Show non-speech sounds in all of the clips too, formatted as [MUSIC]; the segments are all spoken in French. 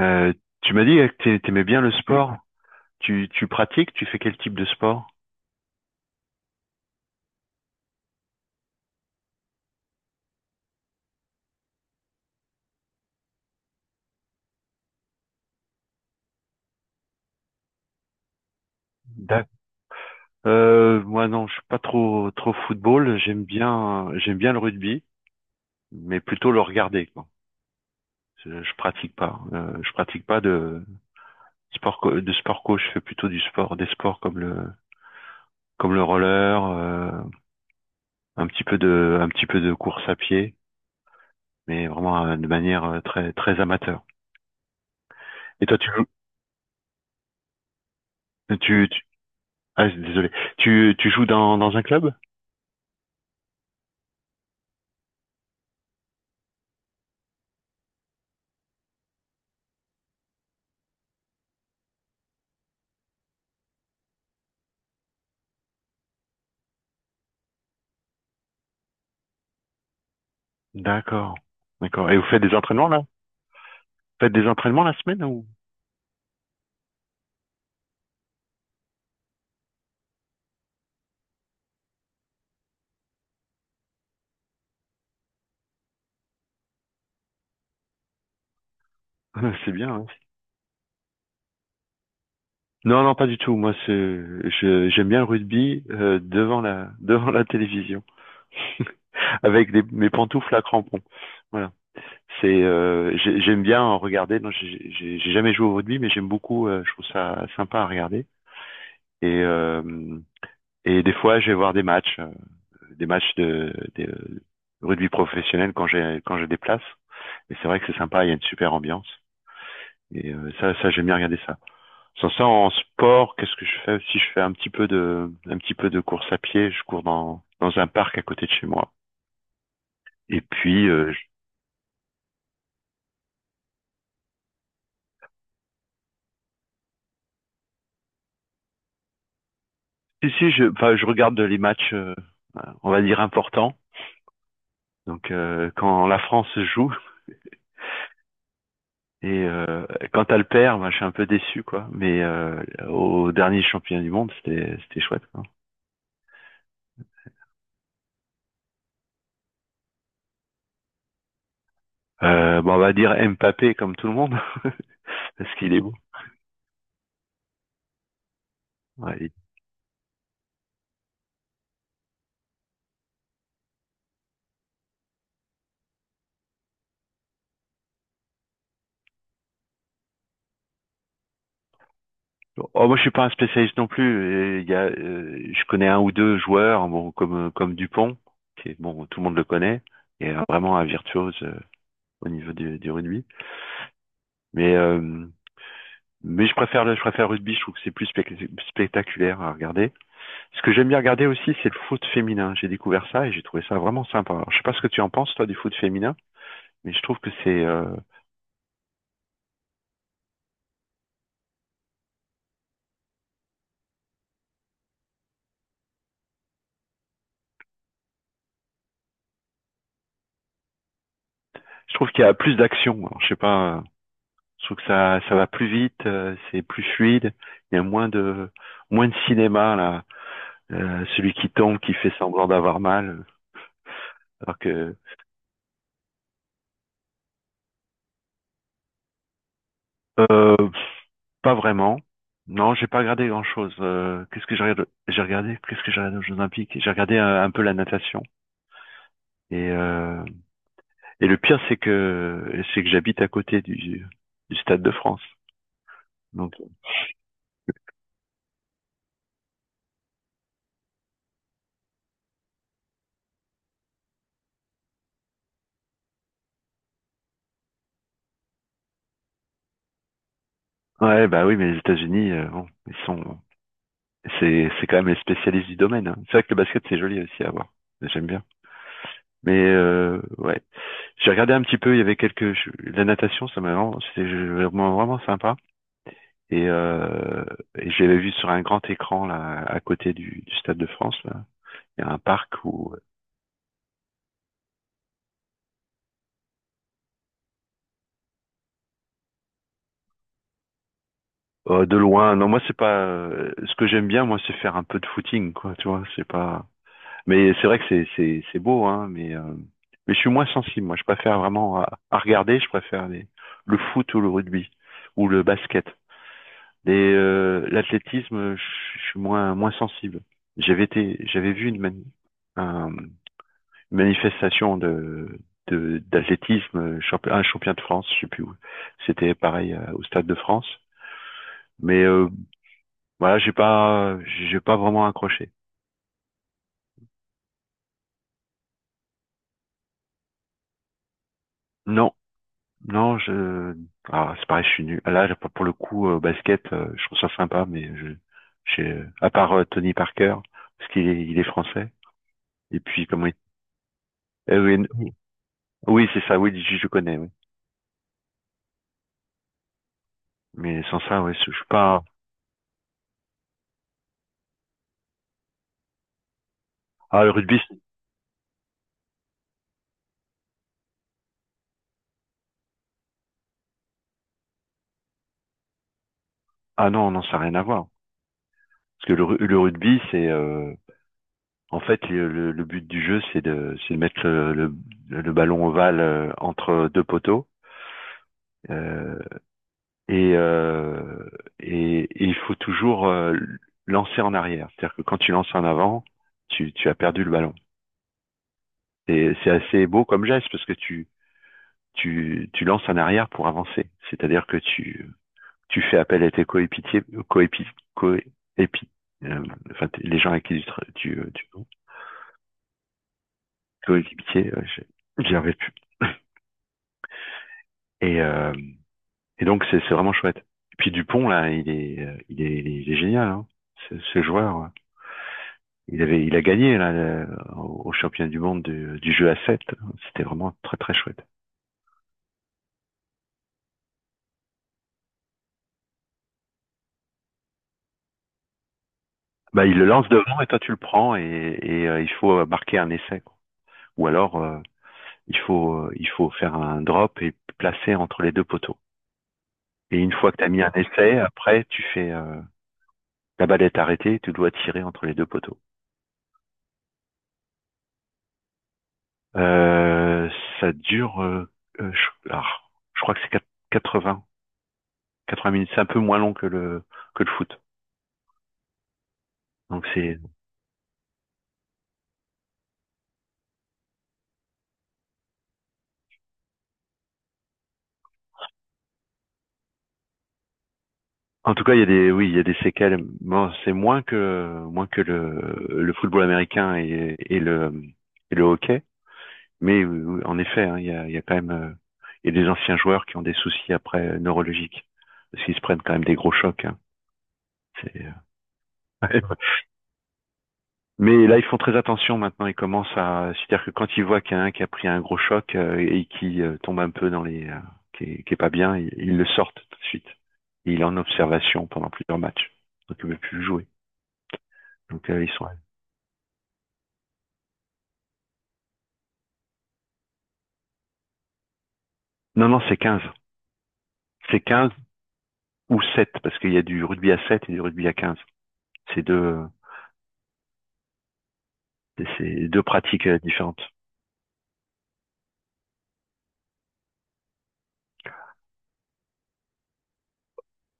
Euh, Tu m'as dit que tu aimais bien le sport. Tu pratiques, tu fais quel type de sport? D'ac- Moi non, je suis pas trop football. J'aime bien le rugby, mais plutôt le regarder, quoi. Je pratique pas. Je pratique pas de de sport co. Je fais plutôt du sport des sports comme le roller, un petit peu de un petit peu de course à pied, mais vraiment de manière très très amateur. Et toi, tu joues tu tu Ah, désolé. Tu joues dans un club? D'accord. D'accord. Et vous faites des entraînements là? Faites des entraînements la semaine ou? [LAUGHS] C'est bien. Hein. Non, non, pas du tout. Moi, c'est, je, j'aime bien le rugby devant la, [LAUGHS] devant la télévision avec des, mes pantoufles à crampons. Voilà. C'est, j'aime bien en regarder. Non, j'ai jamais joué au rugby, mais j'aime beaucoup. Je trouve ça sympa à regarder. Et euh, et des fois, je vais voir des matchs de, des, rugby professionnel quand je déplace. Et c'est vrai que c'est sympa. Il y a une super ambiance. Et ça, ça j'aime bien regarder ça. Sans ça, en sport, qu'est-ce que je fais aussi? Je fais un petit peu de course à pied. Je cours dans un parc à côté de chez moi. Et puis, si si, je enfin, je regarde les matchs, on va dire importants. Donc quand la France joue et quand elle perd, moi, je suis un peu déçu quoi. Mais au dernier championnat du monde, c'était chouette. Quoi. Bon, on va dire Mbappé comme tout le monde [LAUGHS] parce qu'il est beau. Ouais, il- Oh, moi je suis pas un spécialiste non plus. Il y a, je connais un ou deux joueurs, bon comme Dupont, qui est bon, tout le monde le connaît, et vraiment un virtuose au niveau du rugby. Mais euh, mais je préfère le rugby. Je trouve que c'est plus spectaculaire à regarder. Ce que j'aime bien regarder aussi, c'est le foot féminin. J'ai découvert ça et j'ai trouvé ça vraiment sympa. Alors, je sais pas ce que tu en penses, toi, du foot féminin, mais je trouve que c'est, je trouve qu'il y a plus d'action. Alors, je sais pas, je trouve que ça va plus vite, c'est plus fluide. Il y a moins de cinéma là. Celui qui tombe, qui fait semblant d'avoir mal. Alors que, euh, pas vraiment. Non, j'ai pas regardé grand-chose. Qu'est-ce que j'ai regardé? Qu'est-ce que j'ai regardé aux Jeux Olympiques? J'ai regardé un peu la natation et et le pire, c'est que j'habite à côté du Stade de France. Donc, ouais, bah oui, mais les États-Unis, bon, ils sont, c'est quand même les spécialistes du domaine. Hein. C'est vrai que le basket, c'est joli aussi à voir. J'aime bien. Mais ouais, j'ai regardé un petit peu. Il y avait quelques, la natation, ça m'a vraiment, vraiment sympa. Et, euh, et je vu sur un grand écran là, à côté du Stade de France. Là. Il y a un parc où, de loin, non, moi c'est pas. Ce que j'aime bien, moi, c'est faire un peu de footing, quoi. Tu vois, c'est pas. Mais c'est vrai que c'est beau, hein. Mais je suis moins sensible. Moi, je préfère vraiment à regarder. Je préfère le foot ou le rugby ou le basket. Les l'athlétisme, je suis moins sensible. J'avais vu une un, manifestation de d'athlétisme, un champion de France, je sais plus où. C'était pareil au Stade de France. Mais voilà, j'ai pas vraiment accroché. Non, non, je ah c'est pareil, je suis nul. Là pour le coup basket, je trouve ça sympa, mais je j'ai à part Tony Parker parce qu'il est français. Et puis comment il... eh oui, Oui. Oui c'est ça, oui je connais. Oui. Mais sans ça, ouais, je suis pas. Ah le rugby, c'est- ah non non ça n'a rien à voir. Parce que le rugby c'est en fait, le but du jeu, c'est de mettre le ballon ovale entre deux poteaux. euh, et, et il faut toujours lancer en arrière. C'est-à-dire que quand tu lances en avant, tu as perdu le ballon. Et c'est assez beau comme geste parce que tu lances en arrière pour avancer. C'est-à-dire que tu fais appel à tes coéquipiers, coépi, coépi, euh, enfin, les gens avec qui tu coéquipiers, j'y arrive plus. Et, et donc, c'est vraiment chouette. Et puis Dupont, là, il est génial, hein, ce joueur. Il a gagné là au au championnat du monde du jeu à 7. C'était vraiment très très chouette. Bah, il le lance devant et toi tu le prends et il faut marquer un essai. Quoi. Ou alors il faut faire un drop et placer entre les deux poteaux. Et une fois que tu as mis un essai, après tu fais la balle est arrêtée, tu dois tirer entre les deux poteaux. Euh, ça dure, euh, alors, je crois que c'est 80, 80 minutes. C'est un peu moins long que le foot. Donc c'est, en tout cas, il y a des, oui, il y a des séquelles. Bon, c'est moins que le football américain et le hockey. Mais en effet, hein, il y a quand même, il y a des anciens joueurs qui ont des soucis après neurologiques parce qu'ils se prennent quand même des gros chocs. Hein. C'est [LAUGHS] mais là, ils font très attention maintenant. Ils commencent à, c'est-à-dire que quand ils voient qu'il y en a un qui a pris un gros choc et qui tombe un peu dans qui est pas bien, ils le sortent tout de suite. Et il est en observation pendant plusieurs matchs. Donc il ne peut plus jouer. Donc ils sont. Non, non, c'est 15. C'est 15 ou 7 parce qu'il y a du rugby à 7 et du rugby à 15. C'est deux, c'est deux pratiques différentes.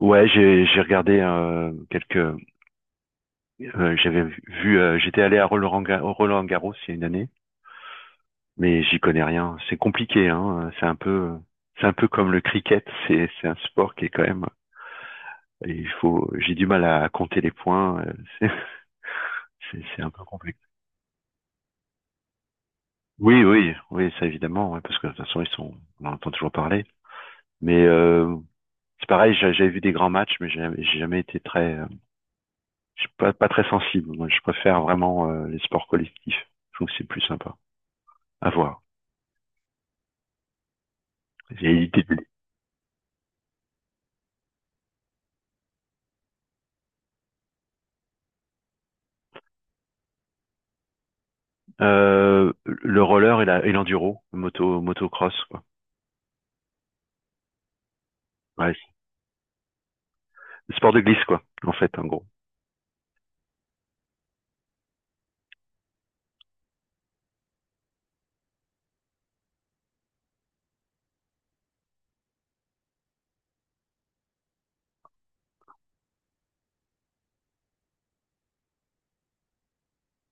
Ouais, j'ai regardé quelques. J'avais vu. J'étais allé à Roland Garros il y a une année. Mais j'y connais rien. C'est compliqué, hein. C'est un peu comme le cricket. C'est un sport qui est quand même, il faut, j'ai du mal à compter les points. [LAUGHS] C'est, c'est un peu complexe. Oui, oui, oui, ça évidemment, ouais, parce que de toute façon ils sont, on en entend toujours parler. Mais c'est pareil, j'avais vu des grands matchs, mais j'ai jamais été très, je suis pas, pas très sensible. Moi, je préfère vraiment les sports collectifs. Je trouve que c'est plus sympa à voir. J'ai évité de- le roller et, la, et l'enduro, moto, motocross, quoi. Ouais, sport de glisse, quoi, en fait, en gros.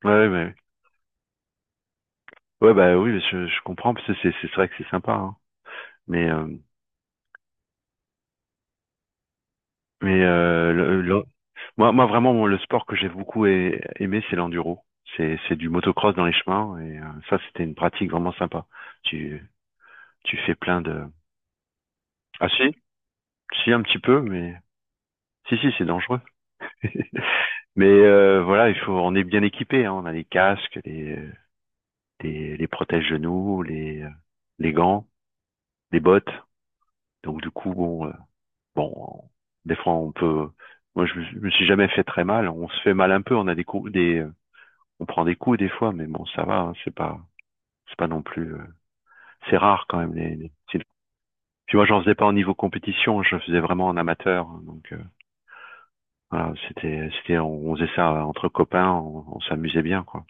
Ouais, ouais, ouais, bah oui, je comprends, parce que c'est vrai que c'est sympa, hein. Mais, euh, mais moi, moi, vraiment, le sport que j'ai beaucoup aimé, c'est l'enduro. C'est du motocross dans les chemins, et ça, c'était une pratique vraiment sympa. Tu, Tu fais plein de... Ah si, si, un petit peu, mais... Si, si, c'est dangereux. Mais voilà, il faut, on est bien équipé, hein. On a les casques, les protège-genoux, les gants, les bottes. Donc du coup, bon... Bon, des fois on peut. Moi, je me suis jamais fait très mal. On se fait mal un peu. On a des coups, des, on prend des coups des fois, mais bon, ça va. Hein, c'est pas non plus. C'est rare quand même. Puis moi, j'en faisais pas au niveau compétition. Je faisais vraiment en amateur. Hein, donc voilà, c'était, on faisait ça entre copains. On s'amusait bien, quoi.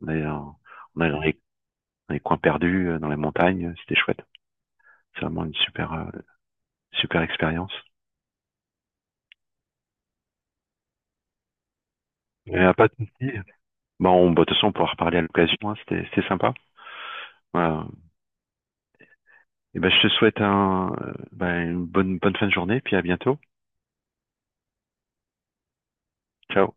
On allait dans, on allait dans dans les coins perdus, dans les montagnes. C'était chouette. C'est vraiment une super, super expérience. Et à pas de souci. Bon, bah, de toute façon, on pourra reparler à l'occasion. Hein, c'était sympa. Voilà. Et ben, je te souhaite ben, une bonne fin de journée, puis à bientôt. Ciao.